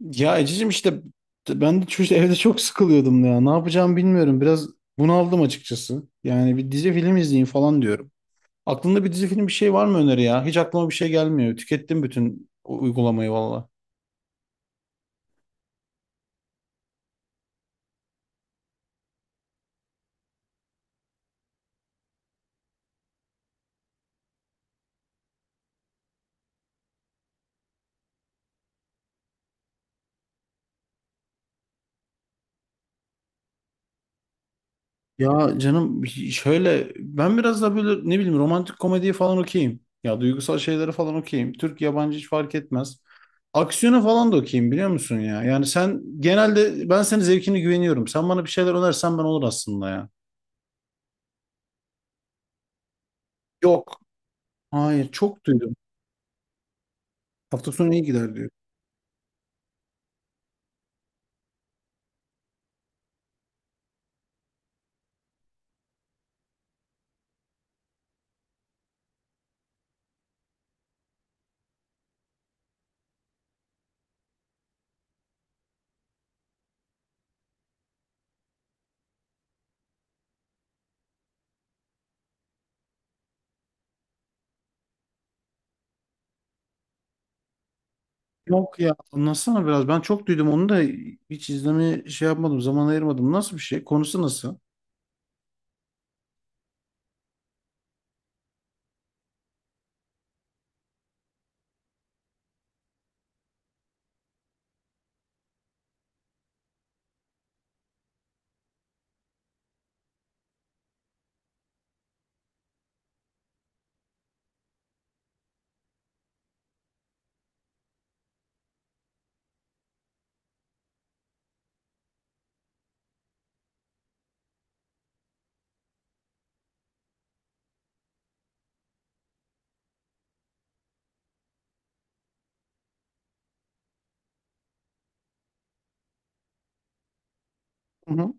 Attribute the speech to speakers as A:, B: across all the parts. A: Ya Ececiğim işte ben de çocuk evde çok sıkılıyordum ya. Ne yapacağımı bilmiyorum. Biraz bunaldım açıkçası. Yani bir dizi film izleyeyim falan diyorum. Aklında bir dizi film bir şey var mı öneri ya? Hiç aklıma bir şey gelmiyor. Tükettim bütün uygulamayı valla. Ya canım şöyle ben biraz da böyle ne bileyim romantik komediyi falan okuyayım. Ya duygusal şeyleri falan okuyayım. Türk yabancı hiç fark etmez. Aksiyona falan da okuyayım biliyor musun ya? Yani sen genelde ben senin zevkine güveniyorum. Sen bana bir şeyler önersen ben olur aslında ya. Yok. Hayır, çok duydum. Hafta sonu iyi gider diyor. Yok ya, anlatsana biraz. Ben çok duydum onu da hiç izleme şey yapmadım. Zaman ayırmadım. Nasıl bir şey? Konusu nasıl? Hı hı.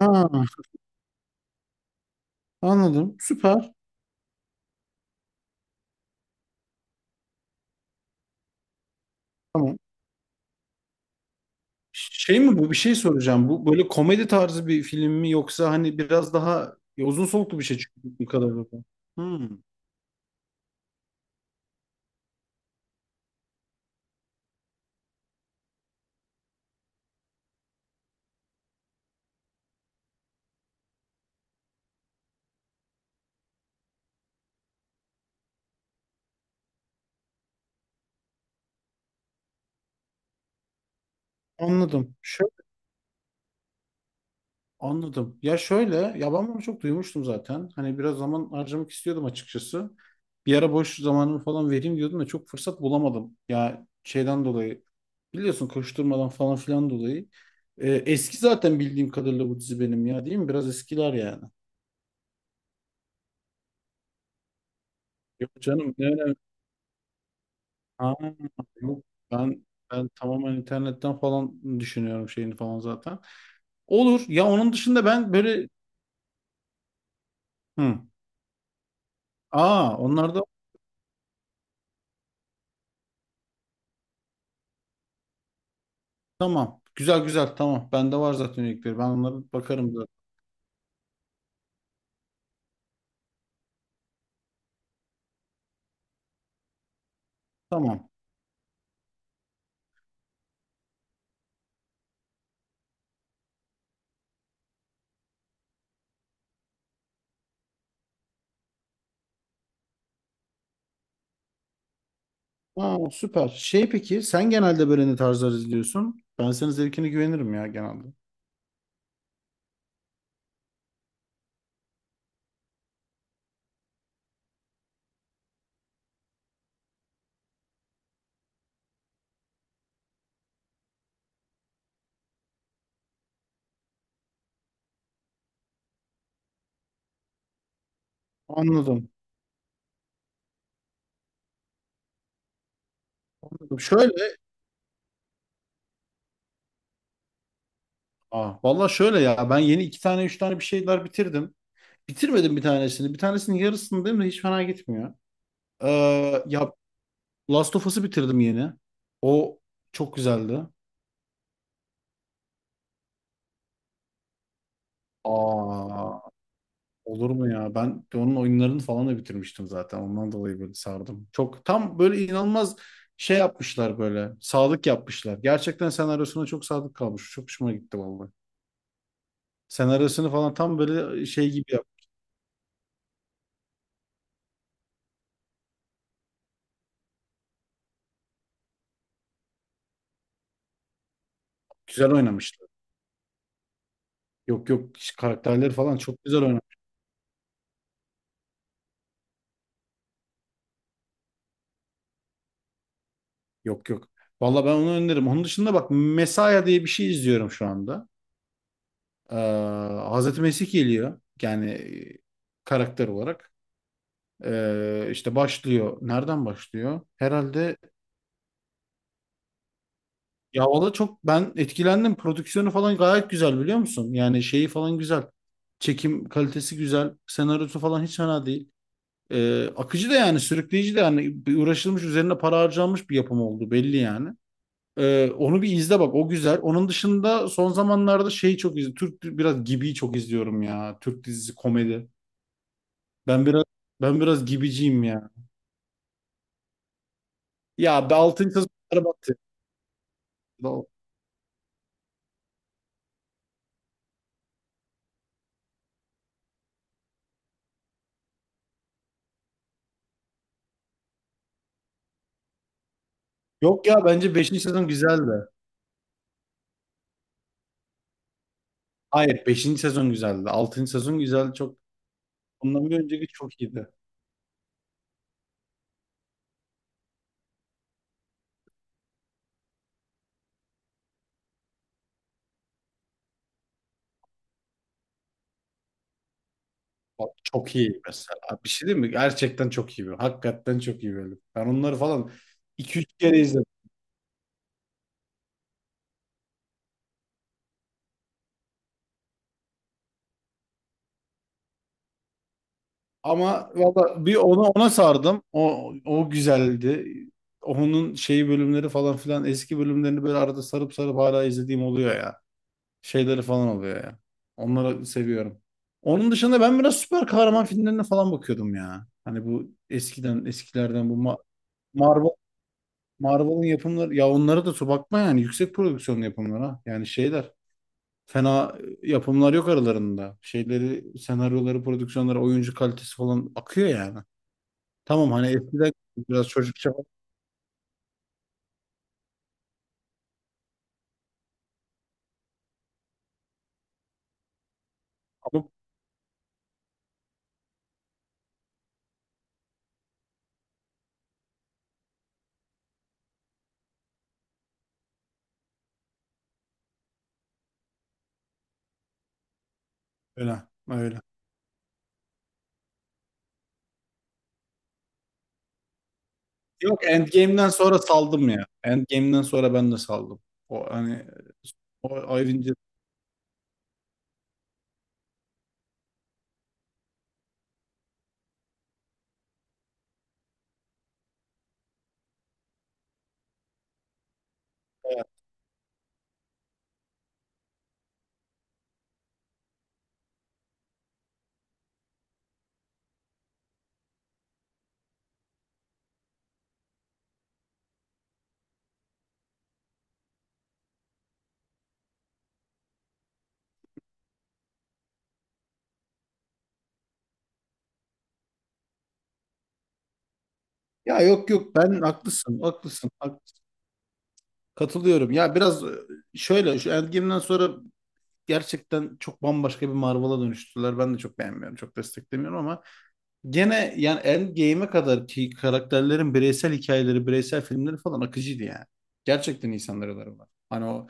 A: Ha, anladım. Süper. Tamam. Şey mi bu? Bir şey soracağım. Bu böyle komedi tarzı bir film mi yoksa hani biraz daha ya uzun soluklu bir şey çünkü bu kadar. Hı. Anladım. Anladım. Ya şöyle, ya ben bunu çok duymuştum zaten. Hani biraz zaman harcamak istiyordum açıkçası. Bir ara boş zamanımı falan vereyim diyordum da çok fırsat bulamadım. Ya şeyden dolayı biliyorsun, koşturmadan falan filan dolayı. Eski zaten bildiğim kadarıyla bu dizi benim ya, değil mi? Biraz eskiler yani. Yok canım, ne önemli. Aa, yok. Ben, ben tamamen internetten falan düşünüyorum şeyini falan zaten. Olur. Ya onun dışında ben böyle... Hı. Aa, onlarda. Tamam. Güzel güzel, tamam. Bende var zaten üyelikleri. Ben onlara bakarım zaten. Tamam. Aa, süper. Şey, peki sen genelde böyle ne tarzlar izliyorsun? Ben senin zevkine güvenirim ya genelde. Anladım. Şöyle. Aa, vallahi şöyle ya. Ben yeni iki tane üç tane bir şeyler bitirdim. Bitirmedim bir tanesini. Bir tanesinin yarısındayım da hiç fena gitmiyor. Ya, Last of Us'ı bitirdim yeni. O çok güzeldi. Aa, olur mu ya? Ben onun oyunlarını falan da bitirmiştim zaten. Ondan dolayı böyle sardım. Çok tam böyle inanılmaz şey yapmışlar böyle. Sadık yapmışlar. Gerçekten senaryosuna çok sadık kalmış. Çok hoşuma gitti vallahi. Senaryosunu falan tam böyle şey gibi yap. Güzel oynamışlar. Yok yok, karakterleri falan çok güzel oynamış. Yok yok. Vallahi ben onu öneririm. Onun dışında bak, Mesaya diye bir şey izliyorum şu anda. Ee, Hazreti Mesih geliyor. Yani karakter olarak. İşte başlıyor. Nereden başlıyor? Herhalde. Ya valla çok ben etkilendim. Prodüksiyonu falan gayet güzel, biliyor musun? Yani şeyi falan güzel. Çekim kalitesi güzel. Senaryosu falan hiç fena değil. Akıcı da yani, sürükleyici de yani, bir uğraşılmış, üzerine para harcanmış bir yapım oldu belli yani. Onu bir izle bak, o güzel. Onun dışında son zamanlarda şeyi çok izliyorum. Türk biraz, Gibi'yi çok izliyorum ya. Türk dizisi komedi. Ben biraz ben biraz Gibiciyim ya. Ya be, 6. sezon battı. Yok ya, bence beşinci sezon güzeldi. Hayır, beşinci sezon güzeldi. Altıncı sezon güzeldi. Çok, ondan bir önceki çok iyiydi. Bak, çok iyi mesela. Bir şey değil mi? Gerçekten çok iyi. Hakikaten çok iyi bir bölüm. Ben onları falan iki üç kere izledim. Ama valla bir ona sardım. O güzeldi. Onun şeyi, bölümleri falan filan, eski bölümlerini böyle arada sarıp sarıp hala izlediğim oluyor ya. Şeyleri falan oluyor ya. Onları seviyorum. Onun dışında ben biraz süper kahraman filmlerine falan bakıyordum ya. Hani bu eskiden, eskilerden bu Marvel Marvel'ın yapımları ya, onlara da su bakma yani, yüksek prodüksiyon yapımlar ha. Yani şeyler, fena yapımlar yok aralarında. Şeyleri, senaryoları, prodüksiyonları, oyuncu kalitesi falan akıyor yani. Tamam, hani eskiden biraz çocukça ama öyle öyle. Yok, Endgame'den sonra saldım ya. Endgame'den sonra ben de saldım. O hani, o ayrıca ya, yok yok ben haklısın haklısın katılıyorum. Ya biraz şöyle şu Endgame'den sonra gerçekten çok bambaşka bir Marvel'a dönüştüler. Ben de çok beğenmiyorum, çok desteklemiyorum ama gene yani Endgame'e kadar ki karakterlerin bireysel hikayeleri, bireysel filmleri falan akıcıydı yani. Gerçekten insanları var. Hani o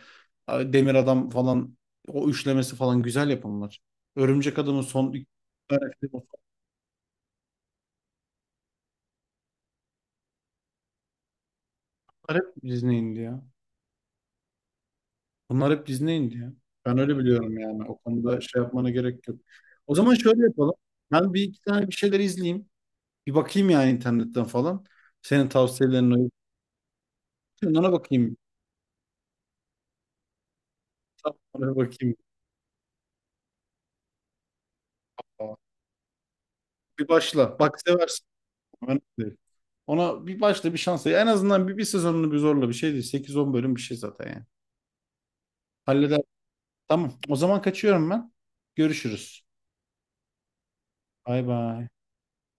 A: Demir Adam falan, o üçlemesi falan güzel yapımlar. Örümcek Adam'ın son iki tane, bunlar hep Disney'indi ya. Bunlar hep Disney'indi ya. Ben öyle biliyorum yani. O konuda şey yapmana gerek yok. O zaman şöyle yapalım. Ben bir iki tane bir şeyler izleyeyim. Bir bakayım yani, internetten falan. Senin tavsiyelerine uygun. Ona bakayım. Tamam, ona bakayım. Bir başla. Bak seversin. Önemli değil. Ona bir başla, bir şans ver. En azından bir sezonunu bir zorla, bir şey değil, sekiz on bölüm bir şey zaten yani. Halleder. Tamam. O zaman kaçıyorum ben. Görüşürüz. Bay bay.